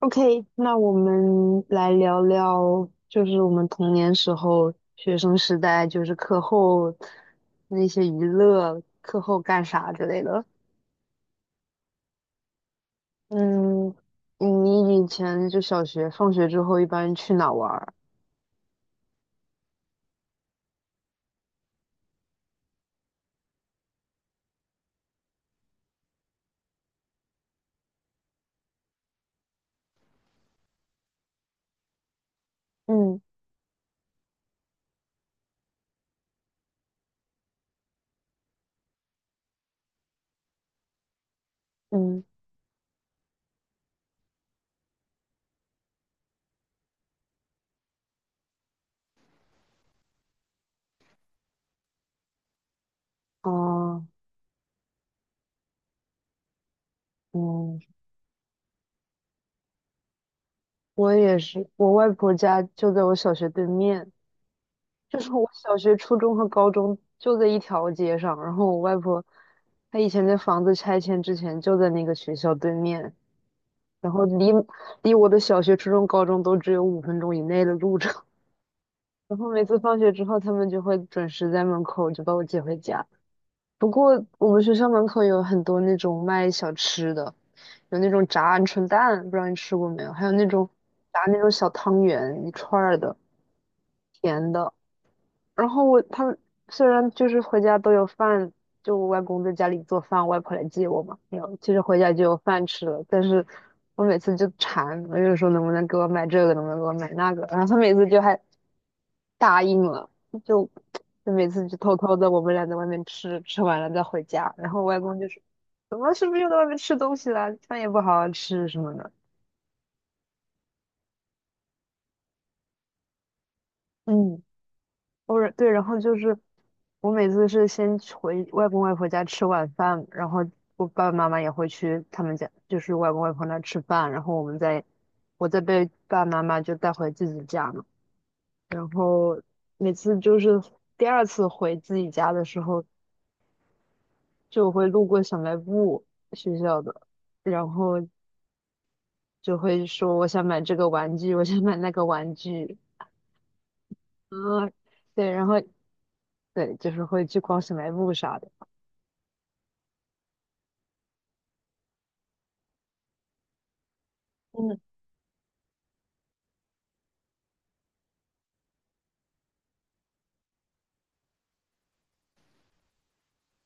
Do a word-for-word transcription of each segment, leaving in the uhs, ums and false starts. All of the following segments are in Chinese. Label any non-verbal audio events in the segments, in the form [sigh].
OK，那我们来聊聊，就是我们童年时候、学生时代，就是课后那些娱乐，课后干啥之类的。嗯，你以前就小学放学之后一般去哪玩儿？嗯嗯哦，嗯，我也是，我外婆家就在我小学对面，就是我小学、初中和高中就在一条街上。然后我外婆，她以前在房子拆迁之前就在那个学校对面。然后离离我的小学、初中、高中都只有五分钟以内的路程。[laughs] 然后每次放学之后，他们就会准时在门口就把我接回家。不过我们学校门口有很多那种卖小吃的，有那种炸鹌鹑蛋，不知道你吃过没有？还有那种炸那种小汤圆，一串儿的，甜的。然后我他们虽然就是回家都有饭，就我外公在家里做饭，我外婆来接我嘛，没有，其实回家就有饭吃了。但是我每次就馋，我就说能不能给我买这个，能不能给我买那个，然后他每次就还答应了，就就每次就偷偷的我们俩在外面吃，吃完了再回家，然后我外公就说，怎么是不是又在外面吃东西了，饭也不好好吃什么的，嗯。偶尔对，然后就是我每次是先去回外公外婆家吃晚饭，然后我爸爸妈妈也会去他们家，就是外公外婆那吃饭，然后我们再我再被爸爸妈妈就带回自己家嘛。然后每次就是第二次回自己家的时候，就会路过小卖部学校的，然后就会说我想买这个玩具，我想买那个玩具，[laughs] 啊，对，然后对，就是会去逛小卖部啥的，嗯。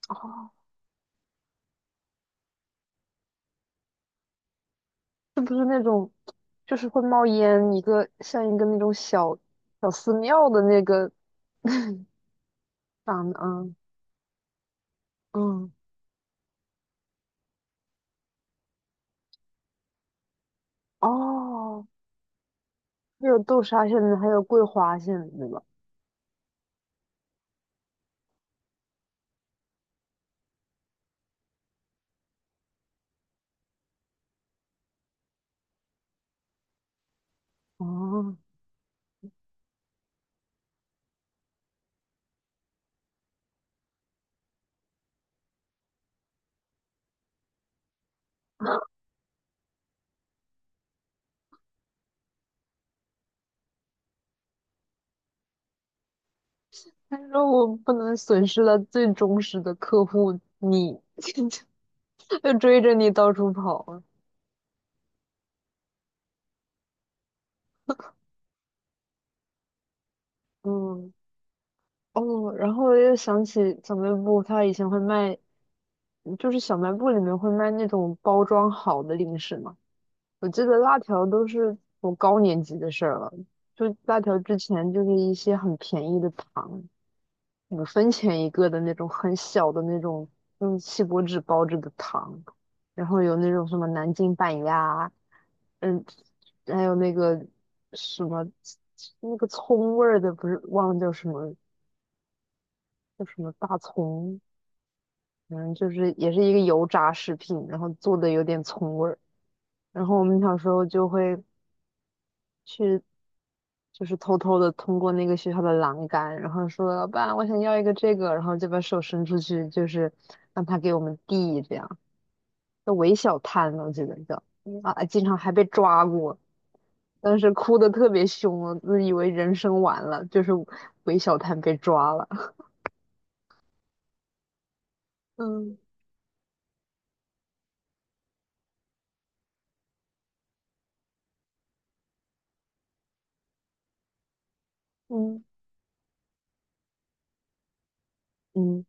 哦是不是那种就是会冒烟一个像一个那种小小寺庙的那个长的啊？嗯，哦，还有豆沙馅的，还有桂花馅的，对吧？哦，但是我不能损失了最忠实的客户，你 [laughs] 就追着你到处跑啊嗯，哦，然后我又想起小卖部，它以前会卖，就是小卖部里面会卖那种包装好的零食嘛。我记得辣条都是我高年级的事儿了，就辣条之前就是一些很便宜的糖，五分钱一个的那种很小的那种用锡箔纸包着的糖，然后有那种什么南京板鸭，嗯，还有那个什么那个葱味儿的，不是忘了叫什么叫什么大葱，反正就是也是一个油炸食品，然后做的有点葱味儿。然后我们小时候就会去就是偷偷的通过那个学校的栏杆，然后说老板，我想要一个这个，然后就把手伸出去，就是让他给我们递，这样叫韦小摊，我记得叫啊，经常还被抓过，当时哭的特别凶，我自以为人生完了，就是韦小摊被抓了，[laughs] 嗯嗯嗯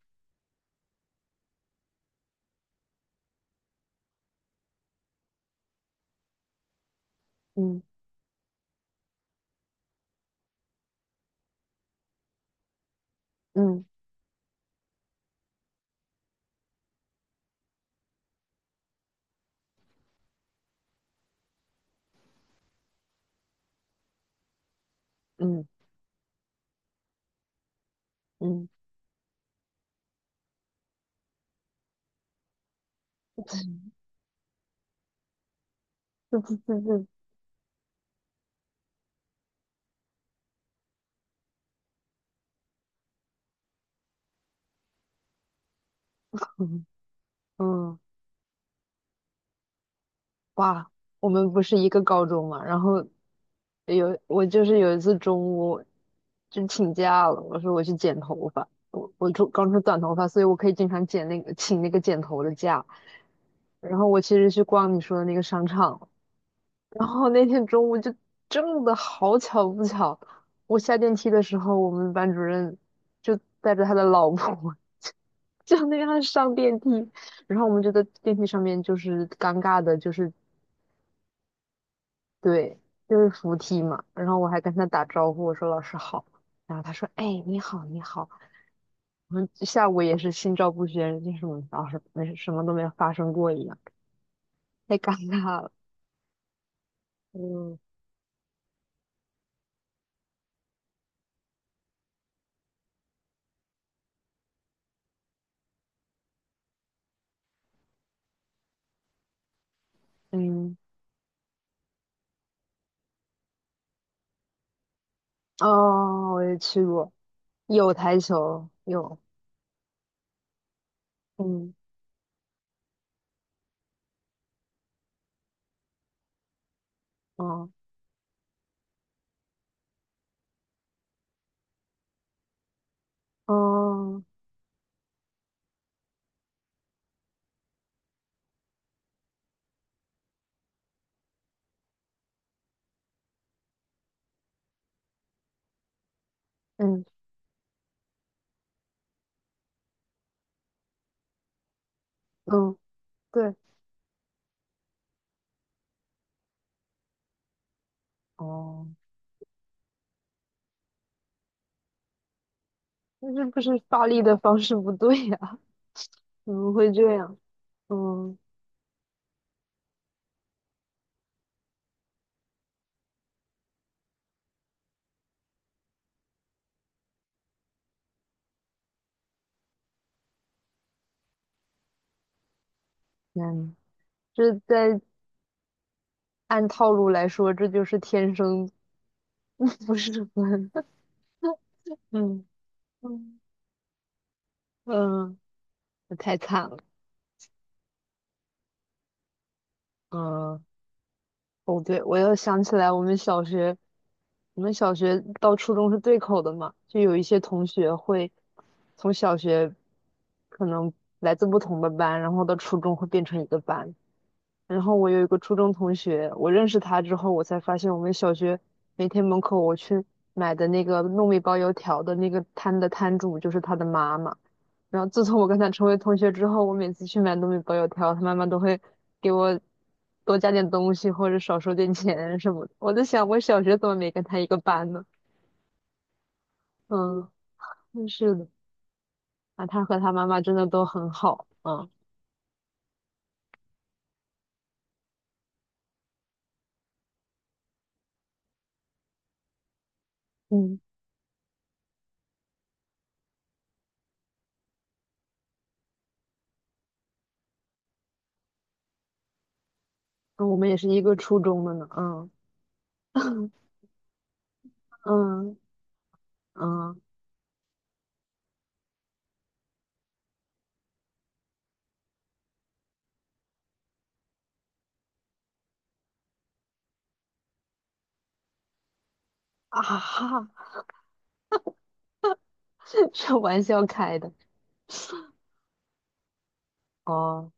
嗯嗯嗯嗯，嗯嗯嗯嗯，哇，我们不是一个高中嘛，然后有我就是有一次中午就请假了，我说我去剪头发，我我出刚出短头发，所以我可以经常剪那个请那个剪头的假。然后我其实去逛你说的那个商场，然后那天中午就真的好巧不巧，我下电梯的时候，我们班主任就带着他的老婆 [laughs] 就那样上电梯，然后我们就在电梯上面就是尴尬的，就是对，就是扶梯嘛。然后我还跟他打招呼，我说老师好。然后他说，哎，你好，你好。我们下午也是心照不宣，就是我们老师没什么都没有发生过一样，太尴尬了。嗯嗯，哦，我也去过，有台球，有，嗯哦哦嗯嗯，对，哦，那这不是发力的方式不对呀、怎么会这样？嗯，天这在按套路来说，这就是天生 [laughs] 不是蚊子 [laughs] 嗯嗯嗯，太惨了，嗯，哦对，我又想起来我们小学，我们小学到初中是对口的嘛，就有一些同学会从小学可能来自不同的班，然后到初中会变成一个班，然后我有一个初中同学，我认识他之后，我才发现我们小学每天门口我去买的那个糯米包油条的那个摊的摊主就是他的妈妈。然后自从我跟他成为同学之后，我每次去买糯米包油条，他妈妈都会给我多加点东西或者少收点钱什么的。我在想，我小学怎么没跟他一个班呢？嗯，嗯是的，啊，他和他妈妈真的都很好。嗯嗯，我们也是一个初中的呢。嗯 [laughs] 嗯嗯。啊哈，[laughs] 这玩笑开的哦，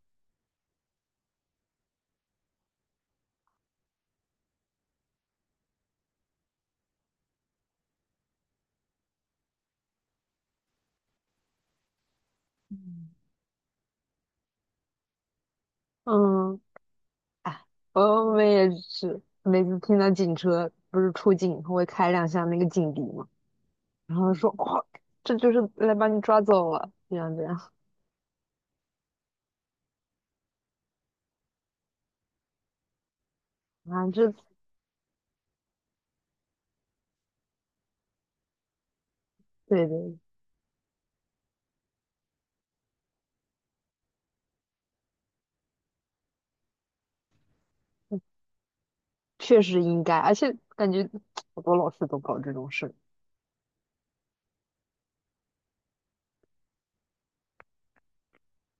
嗯，哎，我我们也是，每次听到警车不是出警，他会开两下那个警笛嘛，然后说哇，这就是来把你抓走了，这样这样啊，这对对，确实应该，而且感觉 [tsk] 好多老师都搞这种事